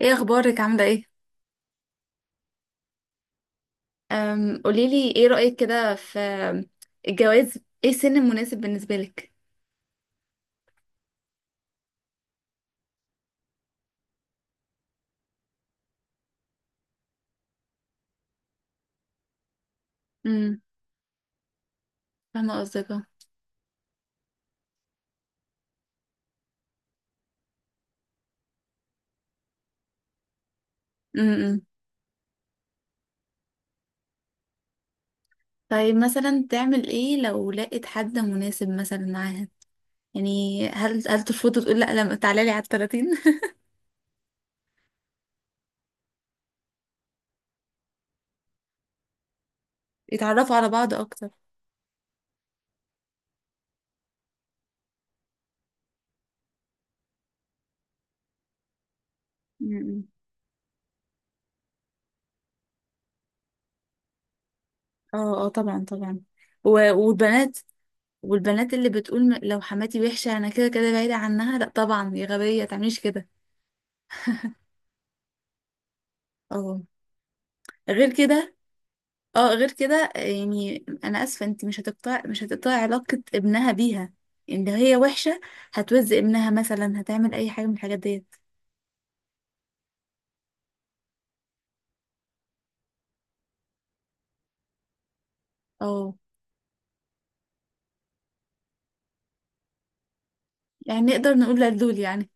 ايه اخبارك؟ عامله ايه؟ قوليلي ايه رايك كده في الجواز؟ ايه السن المناسب بالنسبه لك؟ امم. فاهمه قصدك، اه. امم. طيب، مثلا تعمل ايه لو لقيت حد مناسب مثلا معاها؟ يعني هل ترفض وتقول لا لما تعالى لي على ال 30؟ يتعرفوا على بعض اكتر. امم. اه، اه، طبعا، طبعا. والبنات، والبنات اللي بتقول لو حماتي وحشه انا كده كده بعيده عنها. لا طبعا، يا غبيه، تعمليش كده. اه، غير كده. اه غير كده، يعني انا اسفه، انت مش هتقطع علاقه ابنها بيها ان لو هي وحشه. هتوزق ابنها مثلا؟ هتعمل اي حاجه من الحاجات ديت؟ اه، يعني نقدر نقول لدول يعني.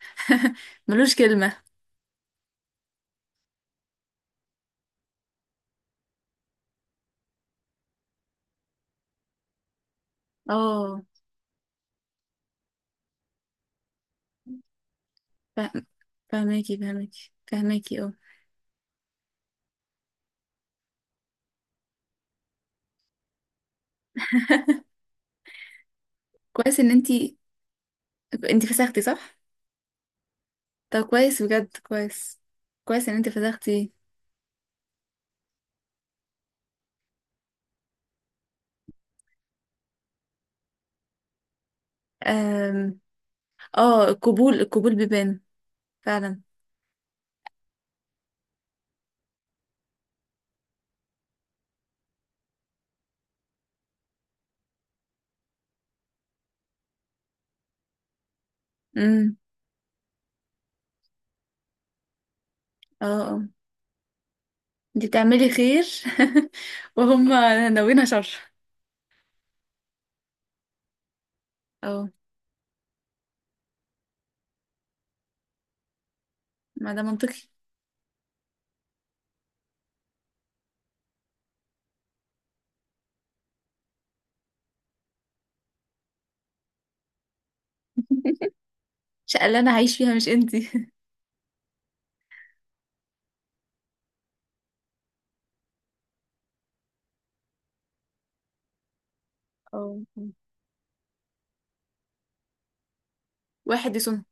ملوش كلمه. اه. فاهم- فهماكي، فهماكي، فهماكي، اه. كويس ان انت فسختي، صح؟ طب كويس، بجد كويس. كويس ان انت فسختي. أم. اه. القبول بيبان. فعلا. امم. اه. آه. انتي بتعملي خير. وهم ناويين شر. اه، ما ده منطقي. الشقة اللي انا هعيش فيها، مش انتي. اه. واحد يصون.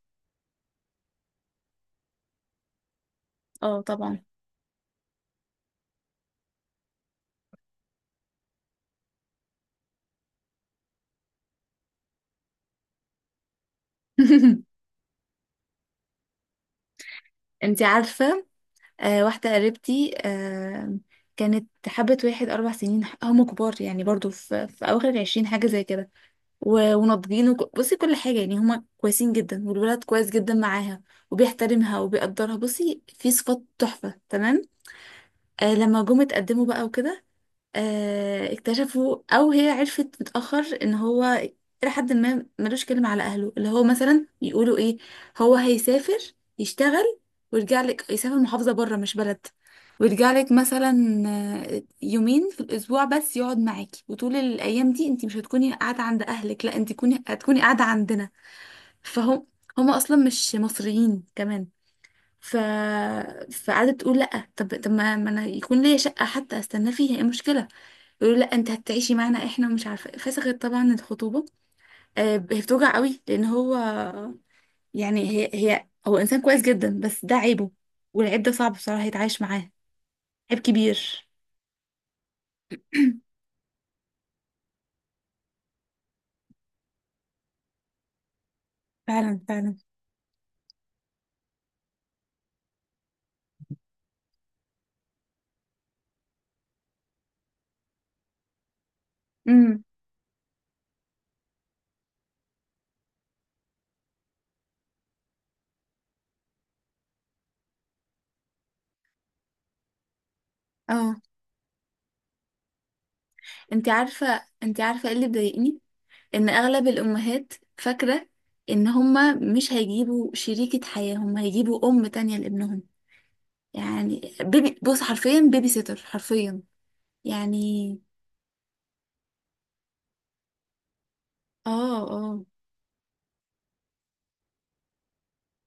اه، طبعا. انتي عارفة؟ آه، واحدة قريبتي، آه، كانت حبت واحد 4 سنين. هم كبار يعني، برضو في أواخر العشرين، حاجة زي كده. وناضجين، بصي كل حاجة يعني، هم كويسين جدا، والولد كويس جدا معاها. وبيحترمها وبيقدرها، بصي في صفات تحفة، تمام. آه، لما جم اتقدموا بقى وكده، اكتشفوا، او هي عرفت متأخر، ان هو الى حد ما ملوش كلمة على اهله. اللي هو مثلا يقولوا ايه، هو هيسافر يشتغل ويرجع لك، يسافر محافظة بره مش بلد، ويرجع لك مثلا يومين في الاسبوع بس يقعد معاكي. وطول الايام دي انت مش هتكوني قاعدة عند اهلك، لا، انت هتكوني قاعدة عندنا. فهم هم اصلا مش مصريين كمان. ف فقعدت تقول لا، طب ما انا يكون ليا شقة حتى استنى فيها، ايه المشكلة؟ يقولوا لا، انت هتعيشي معانا احنا ومش عارفه إيه. فسخت طبعا الخطوبه. هي بتوجع قوي لان هو، يعني هي هي هو انسان كويس جدا، بس ده عيبه. والعيب ده صعب بصراحه يتعايش معاه. عيب كبير. فعلا، فعلا. امم. اه. انت عارفه ايه اللي بيضايقني؟ ان اغلب الامهات فاكره ان هما مش هيجيبوا شريكه حياه، هما هيجيبوا ام تانية لابنهم. يعني بيبي، بص حرفيا بيبي سيتر، حرفيا يعني. اه، اه،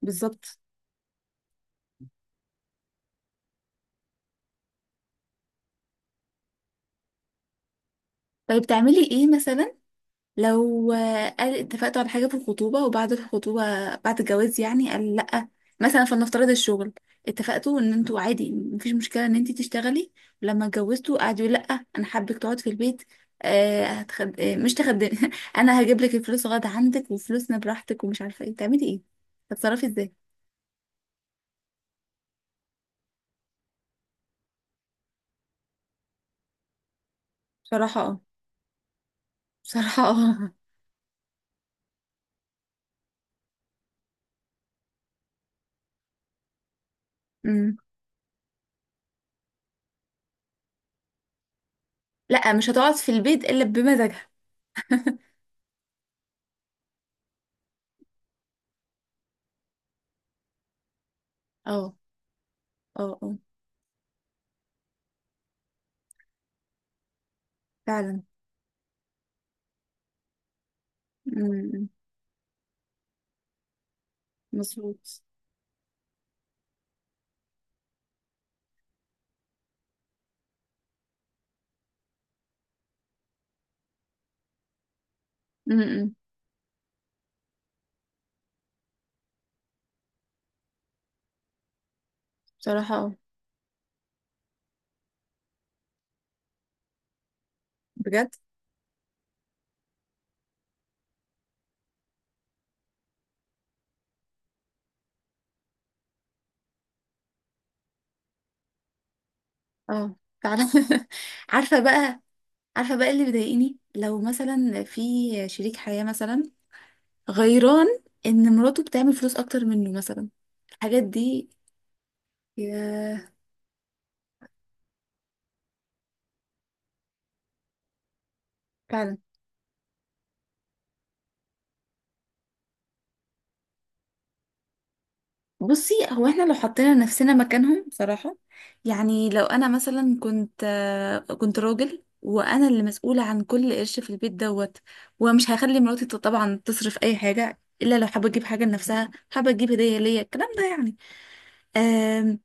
بالظبط. طيب تعملي ايه مثلا لو قال اتفقتوا على حاجة في الخطوبة، وبعد الخطوبة، بعد الجواز يعني قال لأ. مثلا فلنفترض الشغل، اتفقتوا ان انتوا عادي مفيش مشكلة ان انتي تشتغلي، ولما اتجوزتوا قعدوا يقولوا لأ، انا حابك تقعد في البيت. مش تخدمي. انا هجيب لك الفلوس، غدا عندك وفلوسنا براحتك ومش عارفة ايه، تعملي ايه؟ هتتصرفي ازاي؟ بصراحة اه، بصراحة اه. أمم. لأ، مش هتقعد في البيت الا بمزاجها. اه، اه، اه، فعلا. أمم. مظبوط. امم. بصراحة اه، بجد اه. تعالى. عارفة بقى. عارفة بقى اللي بيضايقني، لو مثلا في شريك حياة مثلا غيران ان مراته بتعمل فلوس اكتر منه مثلا. الحاجات دي، يا، فعلا. بصي، هو احنا لو حطينا نفسنا مكانهم صراحة، يعني لو انا مثلا كنت راجل وانا اللي مسؤولة عن كل قرش في البيت دوت، ومش هخلي مراتي طبعا تصرف اي حاجة الا لو حابة تجيب حاجة لنفسها، حابة تجيب هدية ليا، الكلام ده يعني. آم،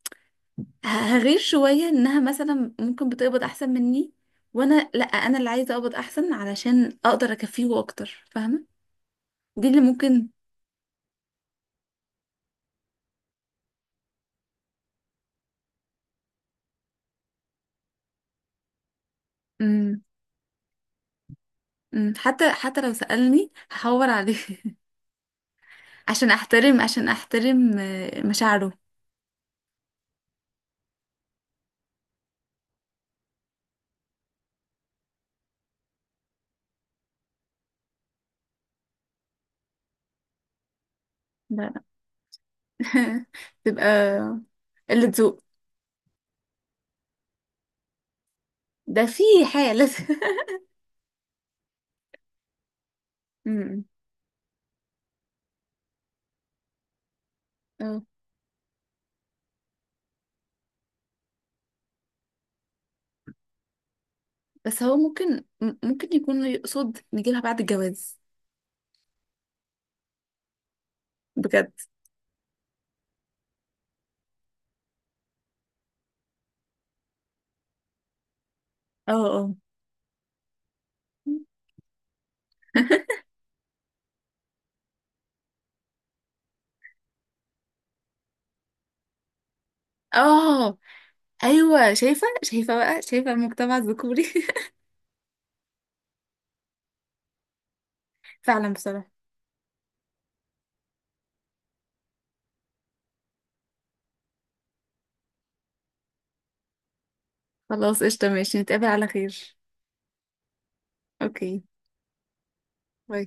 هغير شوية انها مثلا ممكن بتقبض احسن مني، وانا لا، انا اللي عايزة اقبض احسن علشان اقدر اكفيه اكتر، فاهمة؟ دي اللي ممكن. مم. مم. حتى لو سألني هحور عليه. عشان احترم، عشان احترم مشاعره. لا، لا. تبقى قلة ذوق. ده في حالة. أمم. اه، بس هو ممكن، ممكن يكون يقصد نجيلها بعد الجواز. بجد. اه، اه، اه. ايوه، شايفه، شايفه بقى، شايفه المجتمع الذكوري. فعلا بصراحه. خلاص قشطه، ماشي، نتقابل على خير. اوكي، باي.